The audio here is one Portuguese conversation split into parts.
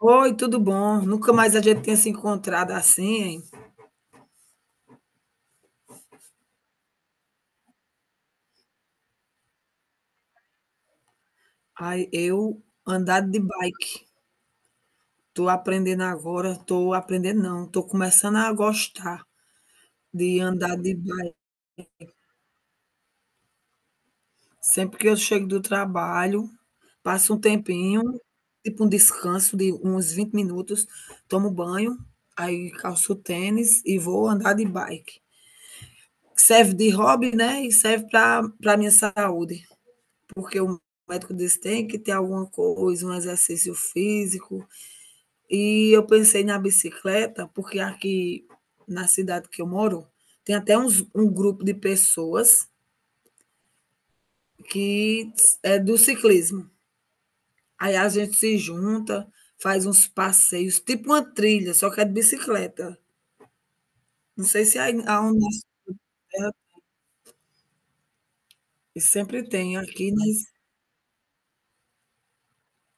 Oi, tudo bom? Nunca mais a gente tinha se encontrado assim, hein? Ai, eu andar de bike. Tô aprendendo agora, tô aprendendo não, tô começando a gostar de andar de bike. Sempre que eu chego do trabalho, passo um tempinho, tipo um descanso de uns 20 minutos, tomo banho, aí calço o tênis e vou andar de bike. Serve de hobby, né, e serve para minha saúde. Porque o médico disse que tem que ter alguma coisa, um exercício físico. E eu pensei na bicicleta, porque aqui na cidade que eu moro, tem até um grupo de pessoas que é do ciclismo. Aí a gente se junta, faz uns passeios, tipo uma trilha, só que é de bicicleta. Não sei se aí aonde na terra sempre tem aqui, mas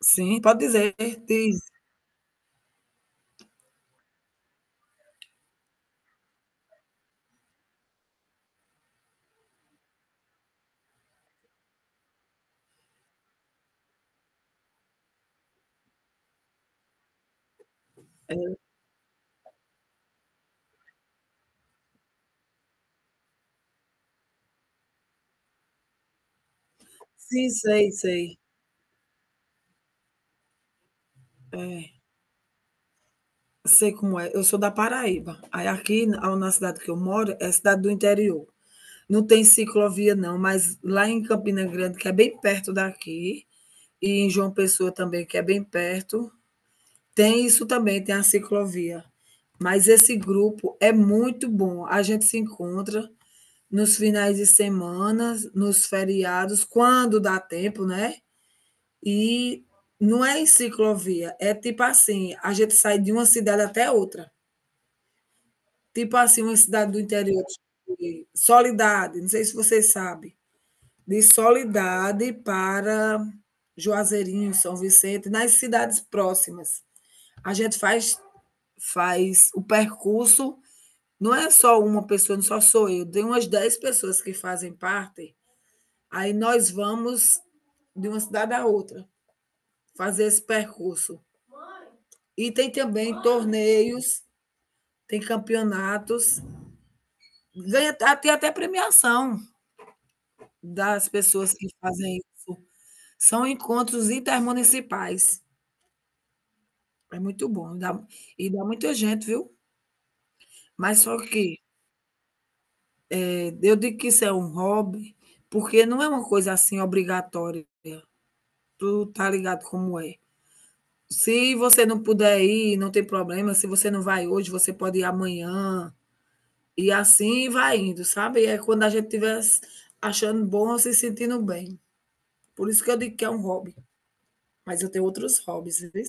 sim, pode dizer, diz. Sim, sei, sei. É. Sei como é, eu sou da Paraíba. Aí aqui na cidade que eu moro é cidade do interior. Não tem ciclovia não, mas lá em Campina Grande, que é bem perto daqui, e em João Pessoa também, que é bem perto, tem isso também, tem a ciclovia. Mas esse grupo é muito bom, a gente se encontra nos finais de semanas, nos feriados, quando dá tempo, né, e não é em ciclovia, é tipo assim, a gente sai de uma cidade até outra. Tipo assim, uma cidade do interior de Soledade, não sei se você sabe, de Soledade para Juazeirinho, São Vicente, nas cidades próximas. A gente faz o percurso, não é só uma pessoa, não só sou eu, tem umas 10 pessoas que fazem parte, aí nós vamos de uma cidade à outra, fazer esse percurso. E tem também torneios, tem campeonatos, ganha a tem até premiação. Das pessoas que fazem isso. São encontros intermunicipais. É muito bom, dá muita gente, viu. Mas só que, eu digo que isso é um hobby, porque não é uma coisa, assim, obrigatória. Tu tá ligado como é. Se você não puder ir, não tem problema, se você não vai hoje, você pode ir amanhã, e assim vai indo, sabe. É quando a gente estiver achando bom, se sentindo bem. Por isso que eu digo que é um hobby, mas eu tenho outros hobbies, viu.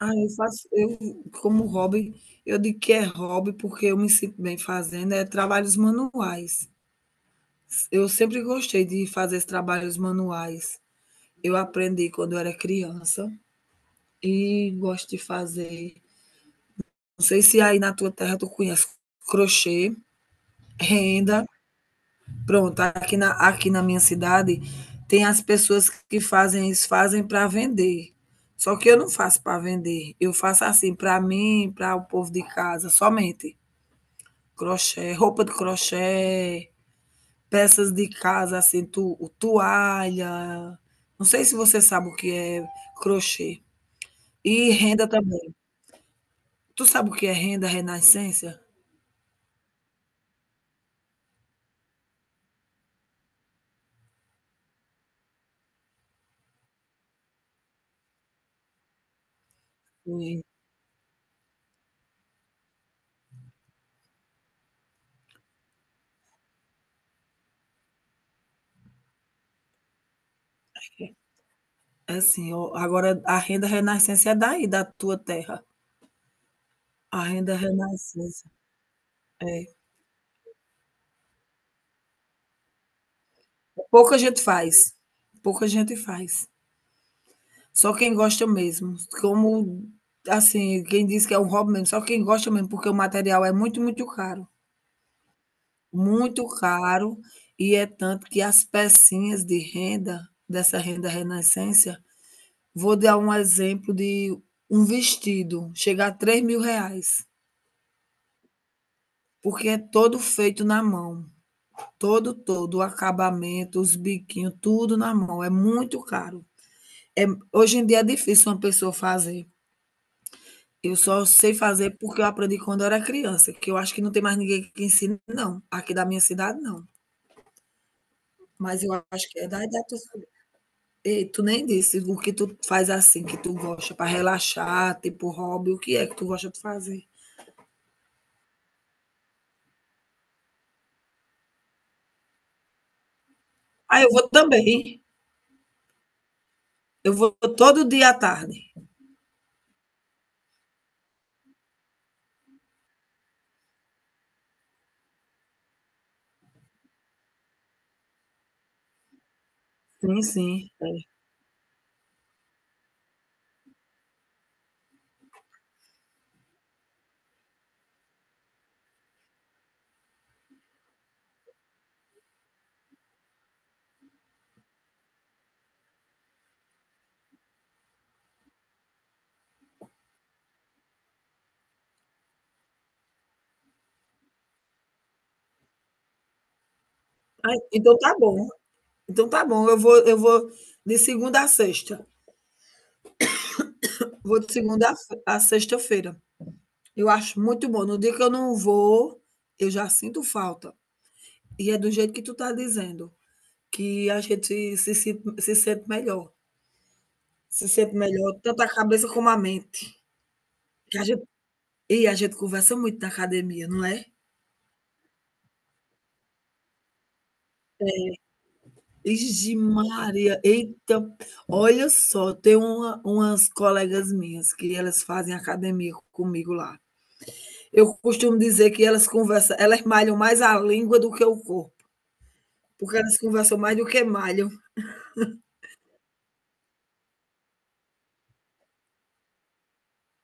Ah, eu faço eu como hobby, eu digo que é hobby, porque eu me sinto bem fazendo, é trabalhos manuais. Eu sempre gostei de fazer esses trabalhos manuais. Eu aprendi quando eu era criança e gosto de fazer. Não sei se aí na tua terra tu conhece crochê, renda. Pronto, aqui na minha cidade tem as pessoas que fazem isso, fazem para vender. Só que eu não faço para vender, eu faço assim, para mim, para o povo de casa, somente. Crochê, roupa de crochê, peças de casa, assim, tu toalha, não sei se você sabe o que é crochê. E renda também. Tu sabe o que é renda renascença? Sim, é assim, o agora a renda renascença é daí, da tua terra. A renda renascença, é. Pouca gente faz, pouca gente faz. Só quem gosta mesmo, como assim, quem diz que é um hobby mesmo, só quem gosta mesmo, porque o material é muito, muito caro. Muito caro, e é tanto que as pecinhas de renda, dessa renda renascência, vou dar um exemplo de um vestido, chega a 3.000 reais, porque é todo feito na mão, todo, todo, o acabamento, os biquinhos, tudo na mão, é muito caro. É, hoje em dia é difícil uma pessoa fazer, eu só sei fazer porque eu aprendi quando eu era criança, que eu acho que não tem mais ninguém que ensine não, aqui da minha cidade não, mas eu acho que é da idade da tua. E tu nem disse o que tu faz assim, que tu gosta para relaxar, tipo hobby, o que é que tu gosta de fazer? Ah, eu vou também. Eu vou todo dia à tarde. Sim, sim. É. Ah, então tá bom. Então tá bom. Eu vou de segunda a sexta. Vou de segunda a sexta-feira. Eu acho muito bom. No dia que eu não vou, eu já sinto falta. E é do jeito que tu tá dizendo, que a gente se sente melhor. Se sente melhor, tanto a cabeça como a mente. Que a E a gente conversa muito na academia, não é? Ixi Maria, eita, olha só, tem umas colegas minhas que elas fazem academia comigo lá. Eu costumo dizer que elas conversam, elas malham mais a língua do que o corpo, porque elas conversam mais do que malham.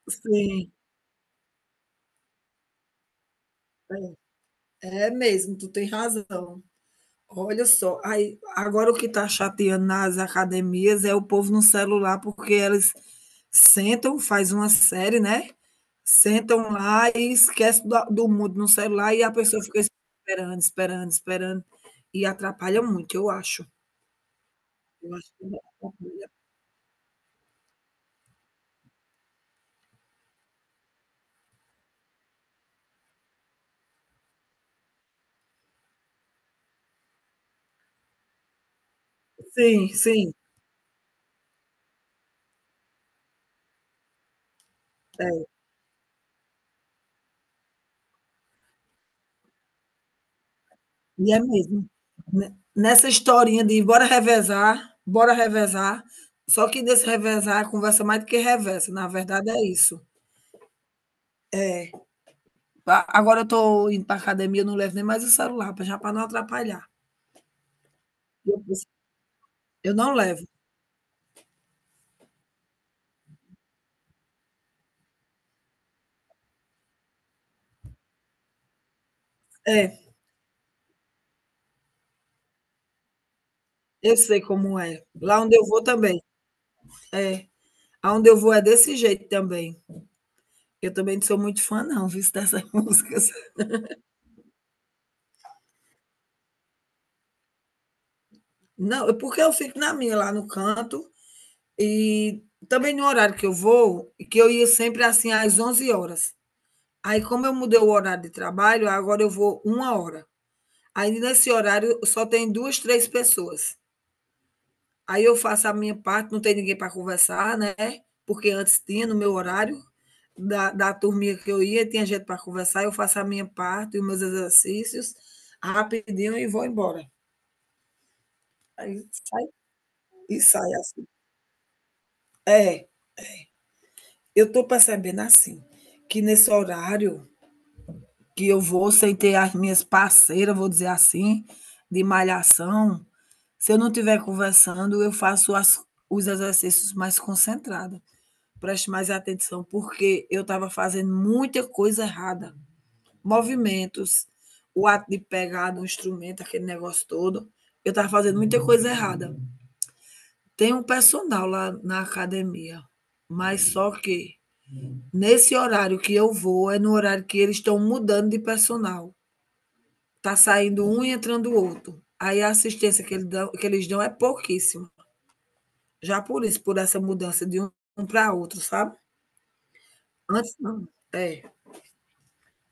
Sim, é mesmo, tu tem razão. Olha só, aí agora o que está chateando nas academias é o povo no celular, porque eles sentam, faz uma série, né, sentam lá e esquece da do mundo no celular e a pessoa fica esperando, esperando, esperando e atrapalha muito, eu acho. Eu acho que atrapalha. Sim, sim, é, e é mesmo. Ne Nessa historinha de bora revezar, só que desse revezar é conversa mais do que reveza, na verdade é isso. É. A agora eu tô indo para academia, eu não levo nem mais o celular, pra já para não atrapalhar. Eu eu não levo. É, eu sei como é. Lá onde eu vou também. É, aonde eu vou é desse jeito também. Eu também não sou muito fã não, viu, dessas músicas. Não, é porque eu fico na minha, lá no canto, e também no horário que eu vou, e que eu ia sempre, assim, às 11 horas. Aí como eu mudei o horário de trabalho, agora eu vou 1 hora. Aí nesse horário só tem 2 3 pessoas. Aí eu faço a minha parte, não tem ninguém para conversar, né, porque antes tinha no meu horário da turminha que eu ia, tinha gente para conversar, eu faço a minha parte e os meus exercícios rapidinho e vou embora. Aí sai e sai assim. É, eu estou percebendo assim, que nesse horário que eu vou sem ter as minhas parceiras, vou dizer assim, de malhação, se eu não estiver conversando, eu faço as os exercícios mais concentrada. Preste mais atenção, porque eu estava fazendo muita coisa errada. Movimentos, o ato de pegar no instrumento, aquele negócio todo. Eu estava fazendo muita coisa errada. Tem um personal lá na academia, mas só que nesse horário que eu vou é no horário que eles estão mudando de personal. Tá saindo um e entrando o outro. Aí a assistência que eles dão é pouquíssima. Já por isso, por essa mudança de um para outro, sabe? Antes não. É.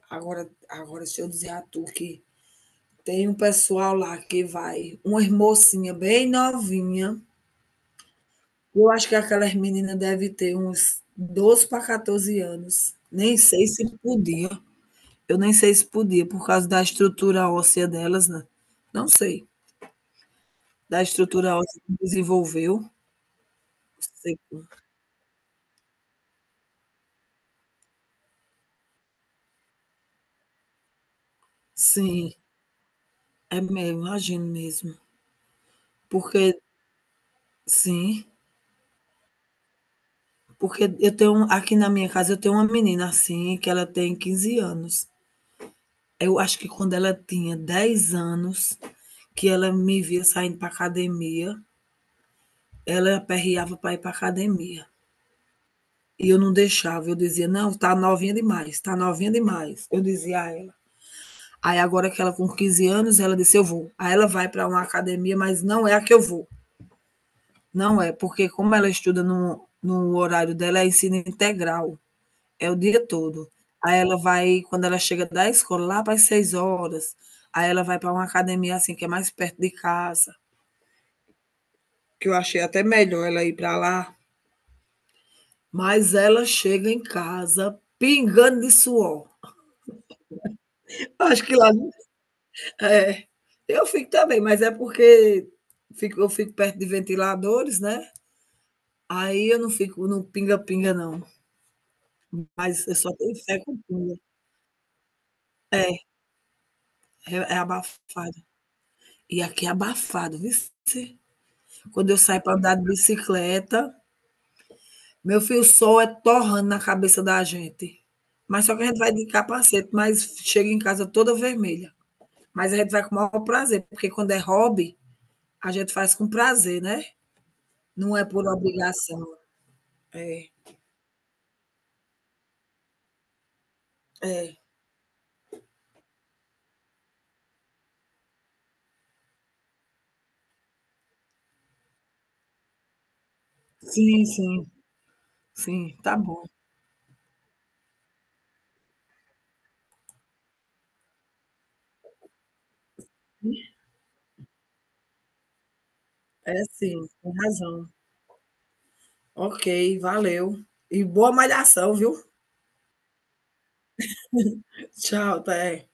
Agora, agora deixa eu dizer a tu que tem um pessoal lá que vai, uma mocinha bem novinha. Eu acho que aquelas meninas devem ter uns 12 para 14 anos. Nem sei se podia. Eu nem sei se podia, por causa da estrutura óssea delas, né? Não sei. Da estrutura óssea que desenvolveu. Sei. Sim, é mesmo, imagino mesmo. Porque, sim, porque eu tenho aqui na minha casa eu tenho uma menina assim, que ela tem 15 anos. Eu acho que quando ela tinha 10 anos, que ela me via saindo para academia, ela aperreava para ir para academia. E eu não deixava, eu dizia, não, tá novinha demais, tá novinha demais. Eu dizia a ela. Aí agora que ela com 15 anos, ela disse, eu vou. Aí ela vai para uma academia, mas não é a que eu vou. Não é, porque como ela estuda no horário dela, é ensino integral. É o dia todo. Aí ela vai quando ela chega da escola, lá para as 18h, aí ela vai para uma academia, assim, que é mais perto de casa, que eu achei até melhor ela ir para lá, mas ela chega em casa pingando de suor. Acho que lá é, eu fico também, mas é porque fico perto de ventiladores, né, aí eu não fico no pinga-pinga não, mas eu só tenho fé com pinga. É, é abafado. E aqui é abafado, viu. Quando eu saio para andar de bicicleta, meu filho, o sol é torrando na cabeça da gente. Mas só que a gente vai de capacete, mas chega em casa toda vermelha. Mas a gente vai com o maior prazer, porque quando é hobby, a gente faz com prazer, né? Não é por obrigação. É, é. Sim, sim, sim, tá bom. É sim, tem razão. Ok, valeu. E boa malhação, viu? Tchau, até.